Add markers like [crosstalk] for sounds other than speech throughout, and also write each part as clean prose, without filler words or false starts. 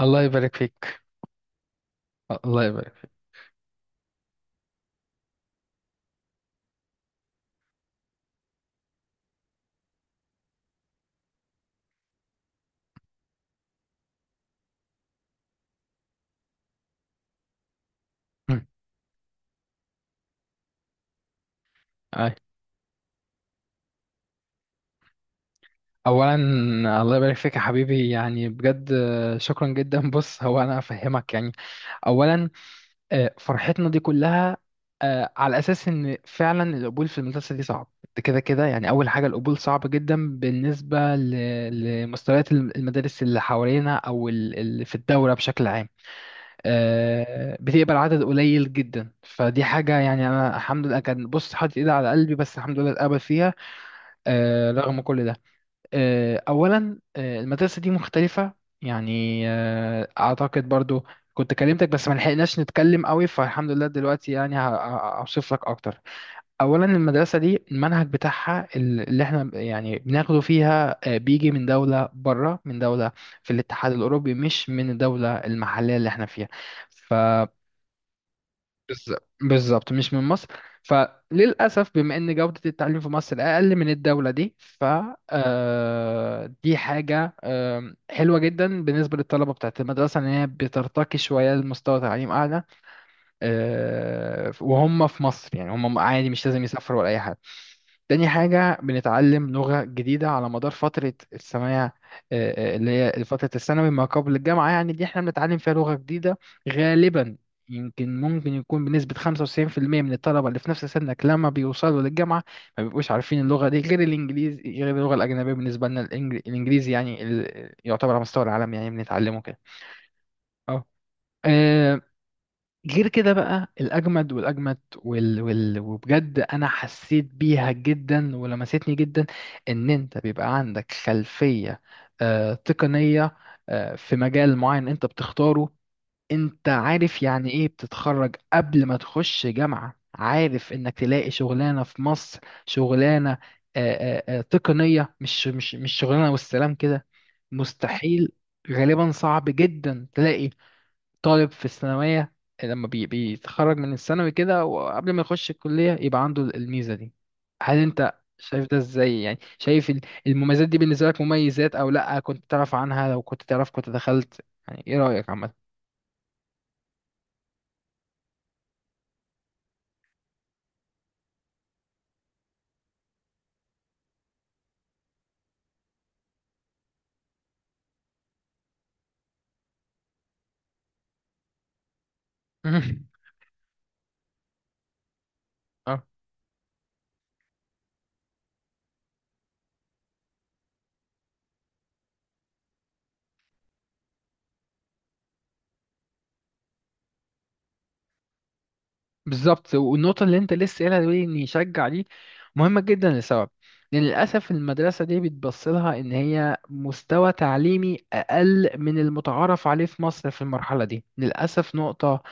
الله يبارك فيك. الله يبارك فيك. مم. أي. اولا الله يبارك فيك يا حبيبي، يعني بجد، شكرا جدا. [laughs] بص، هو انا افهمك يعني. اولا فرحتنا دي كلها على اساس ان فعلا القبول في المدرسه دي صعب. ده كده كده، يعني اول حاجه القبول صعب جدا بالنسبه لمستويات المدارس اللي حوالينا او اللي في الدوله بشكل عام. بتقبل عدد قليل جدا، فدي حاجه. يعني انا الحمد لله كان بص حاطط ايدي على قلبي، بس الحمد لله اتقبل فيها. رغم كل ده، أولا المدرسة دي مختلفة. يعني أعتقد برضو كنت كلمتك بس ما لحقناش نتكلم قوي، فالحمد لله دلوقتي يعني هوصف لك أكتر. أولا المدرسة دي المنهج بتاعها اللي احنا يعني بناخده فيها بيجي من دولة بره، من دولة في الاتحاد الأوروبي، مش من الدولة المحلية اللي احنا فيها. بالظبط بالظبط، مش من مصر. فللأسف بما إن جودة التعليم في مصر أقل من الدولة دي، ف دي حاجة حلوة جدا بالنسبة للطلبة بتاعة المدرسة، إن هي بترتقي شوية لمستوى تعليم أعلى. وهم في مصر يعني هم عادي، مش لازم يسافروا ولا أي حاجة. تاني حاجة بنتعلم لغة جديدة على مدار فترة الثانوية. اللي هي فترة الثانوي ما قبل الجامعة، يعني دي احنا بنتعلم فيها لغة جديدة غالبا. يمكن ممكن يكون بنسبة 95% من الطلبة اللي في نفس سنك، لما بيوصلوا للجامعة ما بيبقوش عارفين اللغة دي غير الإنجليزي، غير اللغة الأجنبية بالنسبة لنا. الإنجليزي يعني يعتبر على مستوى العالم، يعني بنتعلمه كده. اه، آه، غير كده بقى الأجمد والأجمد وبجد أنا حسيت بيها جدا ولمستني جدا، إن أنت بيبقى عندك خلفية تقنية في مجال معين أنت بتختاره. أنت عارف يعني إيه بتتخرج قبل ما تخش جامعة، عارف إنك تلاقي شغلانة في مصر. شغلانة تقنية، مش شغلانة والسلام كده، مستحيل. غالبا صعب جدا تلاقي طالب في الثانوية لما بيتخرج من الثانوي كده وقبل ما يخش الكلية يبقى عنده الميزة دي. هل انت شايف ده ازاي؟ يعني شايف المميزات دي بالنسبة لك مميزات او لا؟ كنت تعرف عنها؟ لو كنت تعرف كنت دخلت؟ يعني ايه رأيك عامة؟ [laughs] بالظبط، والنقطة اللي أنت لسه قايلها دي إن يشجع دي مهمة جدا لسبب، لأن للأسف المدرسة دي بتبص لها إن هي مستوى تعليمي أقل من المتعارف عليه في مصر في المرحلة دي. للأسف نقطة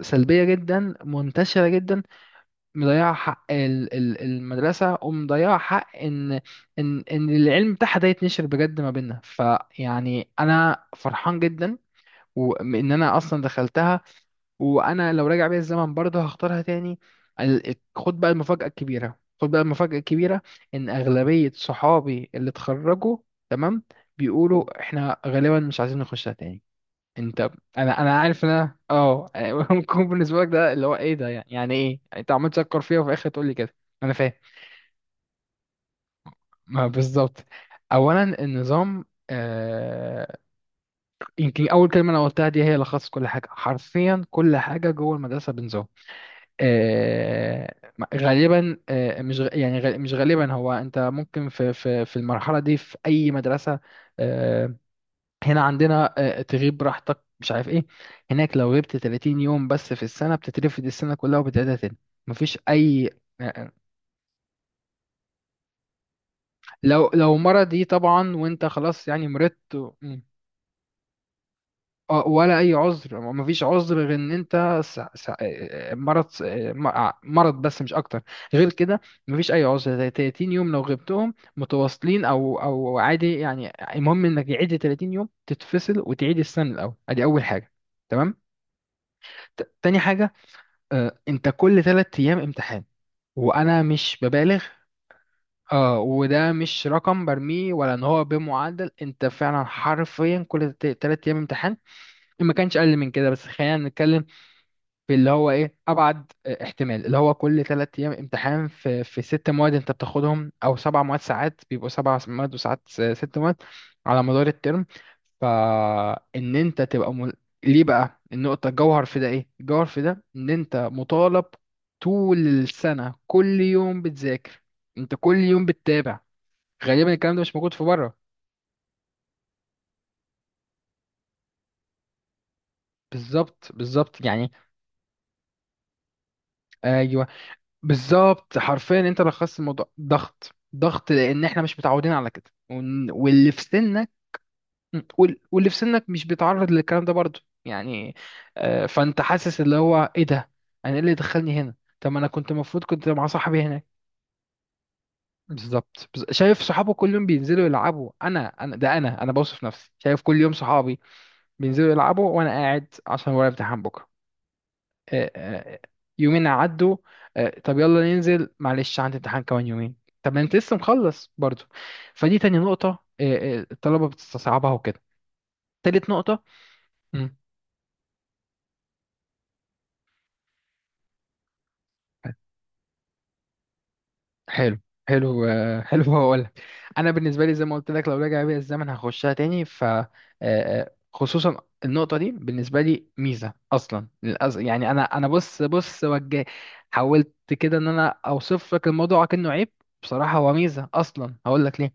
سلبية جدا، منتشرة جدا، مضيعة حق المدرسة ومضيعة حق إن إن العلم بتاعها ده يتنشر بجد ما بيننا. فيعني أنا فرحان جدا، وإن أنا أصلا دخلتها. وانا لو راجع بيا الزمن برضه هختارها تاني. خد بقى المفاجأة الكبيرة، خد بقى المفاجأة الكبيرة. ان اغلبية صحابي اللي اتخرجوا تمام بيقولوا احنا غالبا مش عايزين نخشها تاني. انت، انا عارف ان انا اه [laughs] ممكن بالنسبة لك ده اللي هو ايه ده، يعني، يعني ايه انت عمال تشكر فيها وفي الاخر تقول لي كده؟ انا فاهم. ما بالظبط، اولا النظام. يمكن اول كلمة انا قلتها دي هي لخص كل حاجة حرفيا. كل حاجة جوه المدرسة بنظام. آه، غالبا مش غ- يعني مش غالبا. هو انت ممكن في المرحله دي في اي مدرسه، آه، هنا عندنا تغيب براحتك مش عارف ايه. هناك لو غبت 30 يوم بس في السنه بتترفد السنه كلها وبتعيدها تاني. مفيش اي آه، آه، لو لو مرض، دي طبعا وانت خلاص يعني مرضت. ولا اي عذر، ما فيش عذر غير ان انت مرض، مرض بس، مش اكتر. غير كده ما فيش اي عذر زي 30 يوم، لو غبتهم متواصلين او او عادي، يعني المهم انك يعيد 30 يوم تتفصل وتعيد السنه من الاول. ادي اول حاجه تمام. تاني حاجه انت كل 3 ايام امتحان، وانا مش ببالغ. اه، وده مش رقم برميه ولا ان هو بمعدل، انت فعلا حرفيا كل 3 ايام امتحان. إن ما كانش اقل من كده. بس خلينا نتكلم في اللي هو ايه، ابعد احتمال اللي هو كل 3 ايام امتحان في في ست مواد انت بتاخدهم او 7 مواد. ساعات بيبقوا 7 مواد وساعات 6 مواد على مدار الترم، فان انت تبقى ليه بقى النقطة الجوهر في ده؟ ايه الجوهر في ده؟ ان انت مطالب طول السنة كل يوم بتذاكر، انت كل يوم بتتابع. غالبا الكلام ده مش موجود في بره. بالظبط بالظبط يعني، آه، بالظبط حرفيا انت لخصت الموضوع، ضغط ضغط، لان احنا مش متعودين على كده. واللي في سنك، واللي في سنك مش بيتعرض للكلام ده برضه يعني. فانت حاسس اللي هو ايه ده، انا ايه اللي دخلني هنا؟ طب ما انا كنت المفروض كنت مع صاحبي هناك. بالظبط، شايف صحابه كل يوم بينزلوا يلعبوا. انا انا ده، انا بوصف نفسي، شايف كل يوم صحابي بينزلوا يلعبوا وانا قاعد عشان ورايا امتحان بكره. آه، آه، يومين عدوا، طب يلا ننزل. معلش عندي امتحان كمان يومين، طب ما انت لسه مخلص برضو. فدي تاني نقطة، الطلبة بتستصعبها وكده. تالت نقطة. مم، حلو، حلو، [laughs] حلو هقول لك. انا بالنسبة لي زي ما قلت لك، لو رجع بيا الزمن هخشها تاني. ف خصوصا النقطة دي بالنسبة لي ميزة أصلا. يعني أنا، بص، بص، وجه حاولت كده إن أنا أوصف لك الموضوع كأنه عيب، بصراحة هو ميزة أصلا. هقول لك ليه.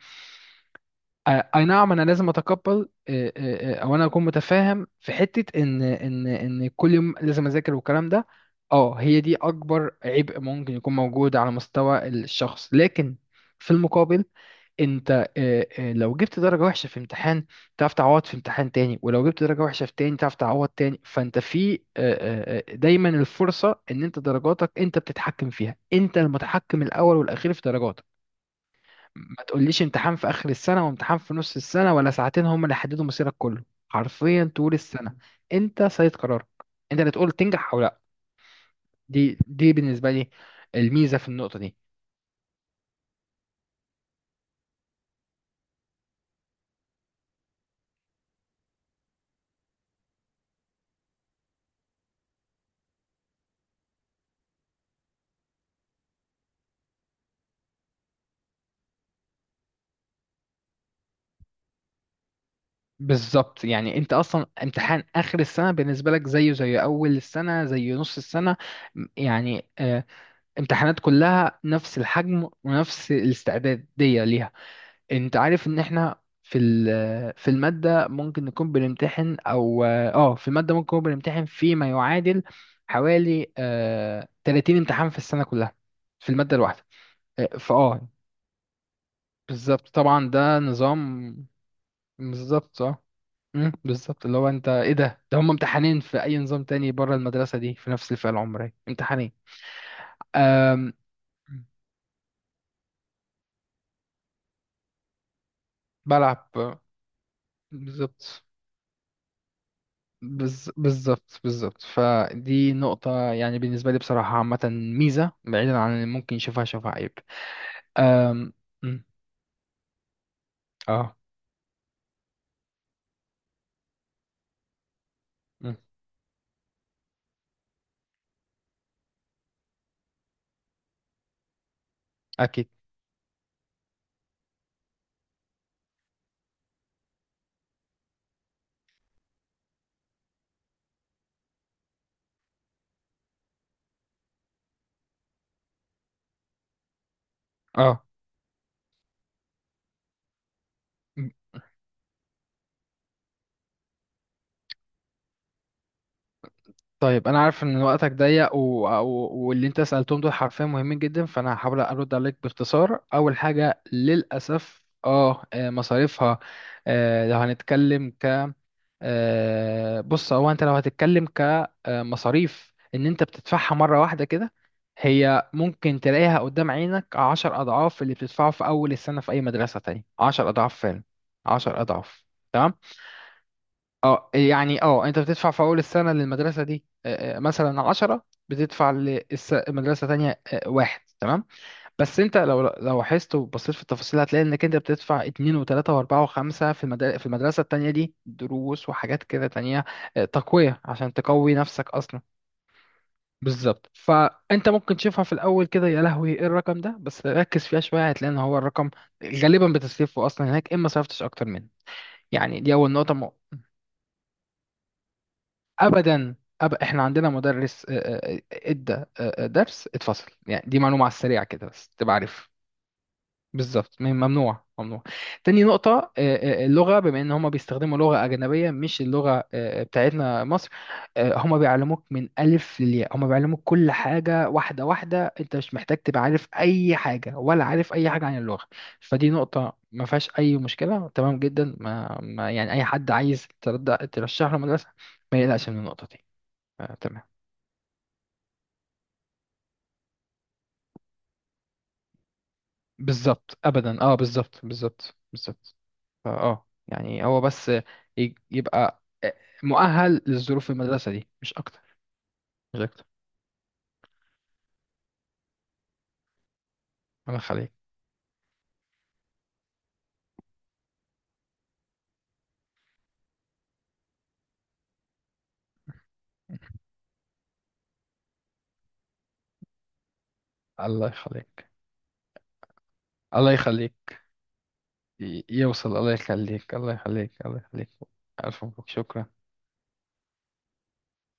اي نعم انا لازم اتقبل، او انا اكون متفاهم في حته ان كل يوم لازم اذاكر والكلام ده. اه، هي دي اكبر عبء ممكن يكون موجود على مستوى الشخص. لكن في المقابل، انت لو جبت درجه وحشه في امتحان تعرف تعوض في امتحان تاني. ولو جبت درجه وحشه في تاني تعرف تعوض تاني. فانت في دايما الفرصه، ان انت درجاتك انت بتتحكم فيها، انت المتحكم الاول والاخير في درجاتك. ما تقوليش امتحان في اخر السنه وامتحان في نص السنه ولا ساعتين هم اللي هيحددوا مصيرك كله. حرفيا طول السنه انت سيد قرارك، انت اللي تقول تنجح او لا. دي بالنسبه لي الميزه في النقطه دي. بالظبط، يعني انت اصلا امتحان اخر السنه بالنسبه لك زيه زي اول السنه زي نص السنه. يعني امتحانات كلها نفس الحجم ونفس الاستعداديه ليها. انت عارف ان احنا في في المادة ممكن نكون بنمتحن او اه في المادة ممكن نكون بنمتحن فيما يعادل حوالي 30 امتحان في السنة كلها في المادة الواحدة. آه، فاه بالظبط طبعا، ده نظام. بالظبط اه، بالظبط اللي هو انت، ايه ده؟ ده هم امتحانين في اي نظام تاني بره المدرسة دي في نفس الفئة العمرية، امتحانين. أم... بلعب بالظبط، بالظبط بالظبط. فدي نقطة، يعني بالنسبة لي بصراحة عامة ميزة، بعيدا عن اللي ممكن يشوفها شوفها عيب. أم... أم، اه، أم، أكيد. اه، أم. طيب، أنا عارف إن وقتك ضيق، واللي أنت سألتهم دول حرفيا مهمين جدا، فأنا هحاول أرد عليك باختصار. أول حاجة للأسف اه، مصاريفها. لو هنتكلم بص، هو انت لو هتتكلم كمصاريف ان انت بتدفعها مره واحده كده، هي ممكن تلاقيها قدام عينك 10 اضعاف اللي بتدفعه في اول السنه في اي مدرسه تانية. 10 اضعاف فعلا، 10 اضعاف. تمام. اه يعني اه، انت بتدفع في اول السنه للمدرسه دي مثلا عشرة، بتدفع لمدرسه تانية واحد. تمام. بس انت لو لاحظت وبصيت في التفاصيل هتلاقي انك انت بتدفع اتنين وتلاتة واربعة وخمسة في المدارس، في المدرسة التانية دي دروس وحاجات كده تانية. اه، تقوية عشان تقوي نفسك اصلا. بالظبط، فانت ممكن تشوفها في الاول كده، يا لهوي ايه الرقم ده؟ بس ركز فيها شوية هتلاقي ان هو الرقم غالبا بتصرفه اصلا هناك، اما صرفتش اكتر منه. يعني دي اول نقطة. ابدا. احنا عندنا مدرس ادى درس اتفصل. يعني دي معلومة على السريع كده بس تبقى عارف. بالظبط، ممنوع ممنوع. تاني نقطة، اللغة، بما ان هما بيستخدموا لغة أجنبية مش اللغة بتاعتنا مصر. هما بيعلموك من ألف للياء، هما بيعلموك كل حاجة واحدة واحدة. انت مش محتاج تبقى عارف أي حاجة، ولا عارف أي حاجة عن اللغة. فدي نقطة ما فيهاش أي مشكلة تمام جدا. ما يعني أي حد عايز ترشح له مدرسة ما يقلقش من النقطة دي. تمام. بالظبط، ابدا، اه بالظبط بالظبط بالظبط. فا اه يعني، هو بس يبقى مؤهل للظروف المدرسة دي، مش اكتر. مش اكتر. الله يخليك. الله يخليك. الله يخليك. يوصل. الله يخليك. الله يخليك. الله يخليك. الف مبروك، شكرا.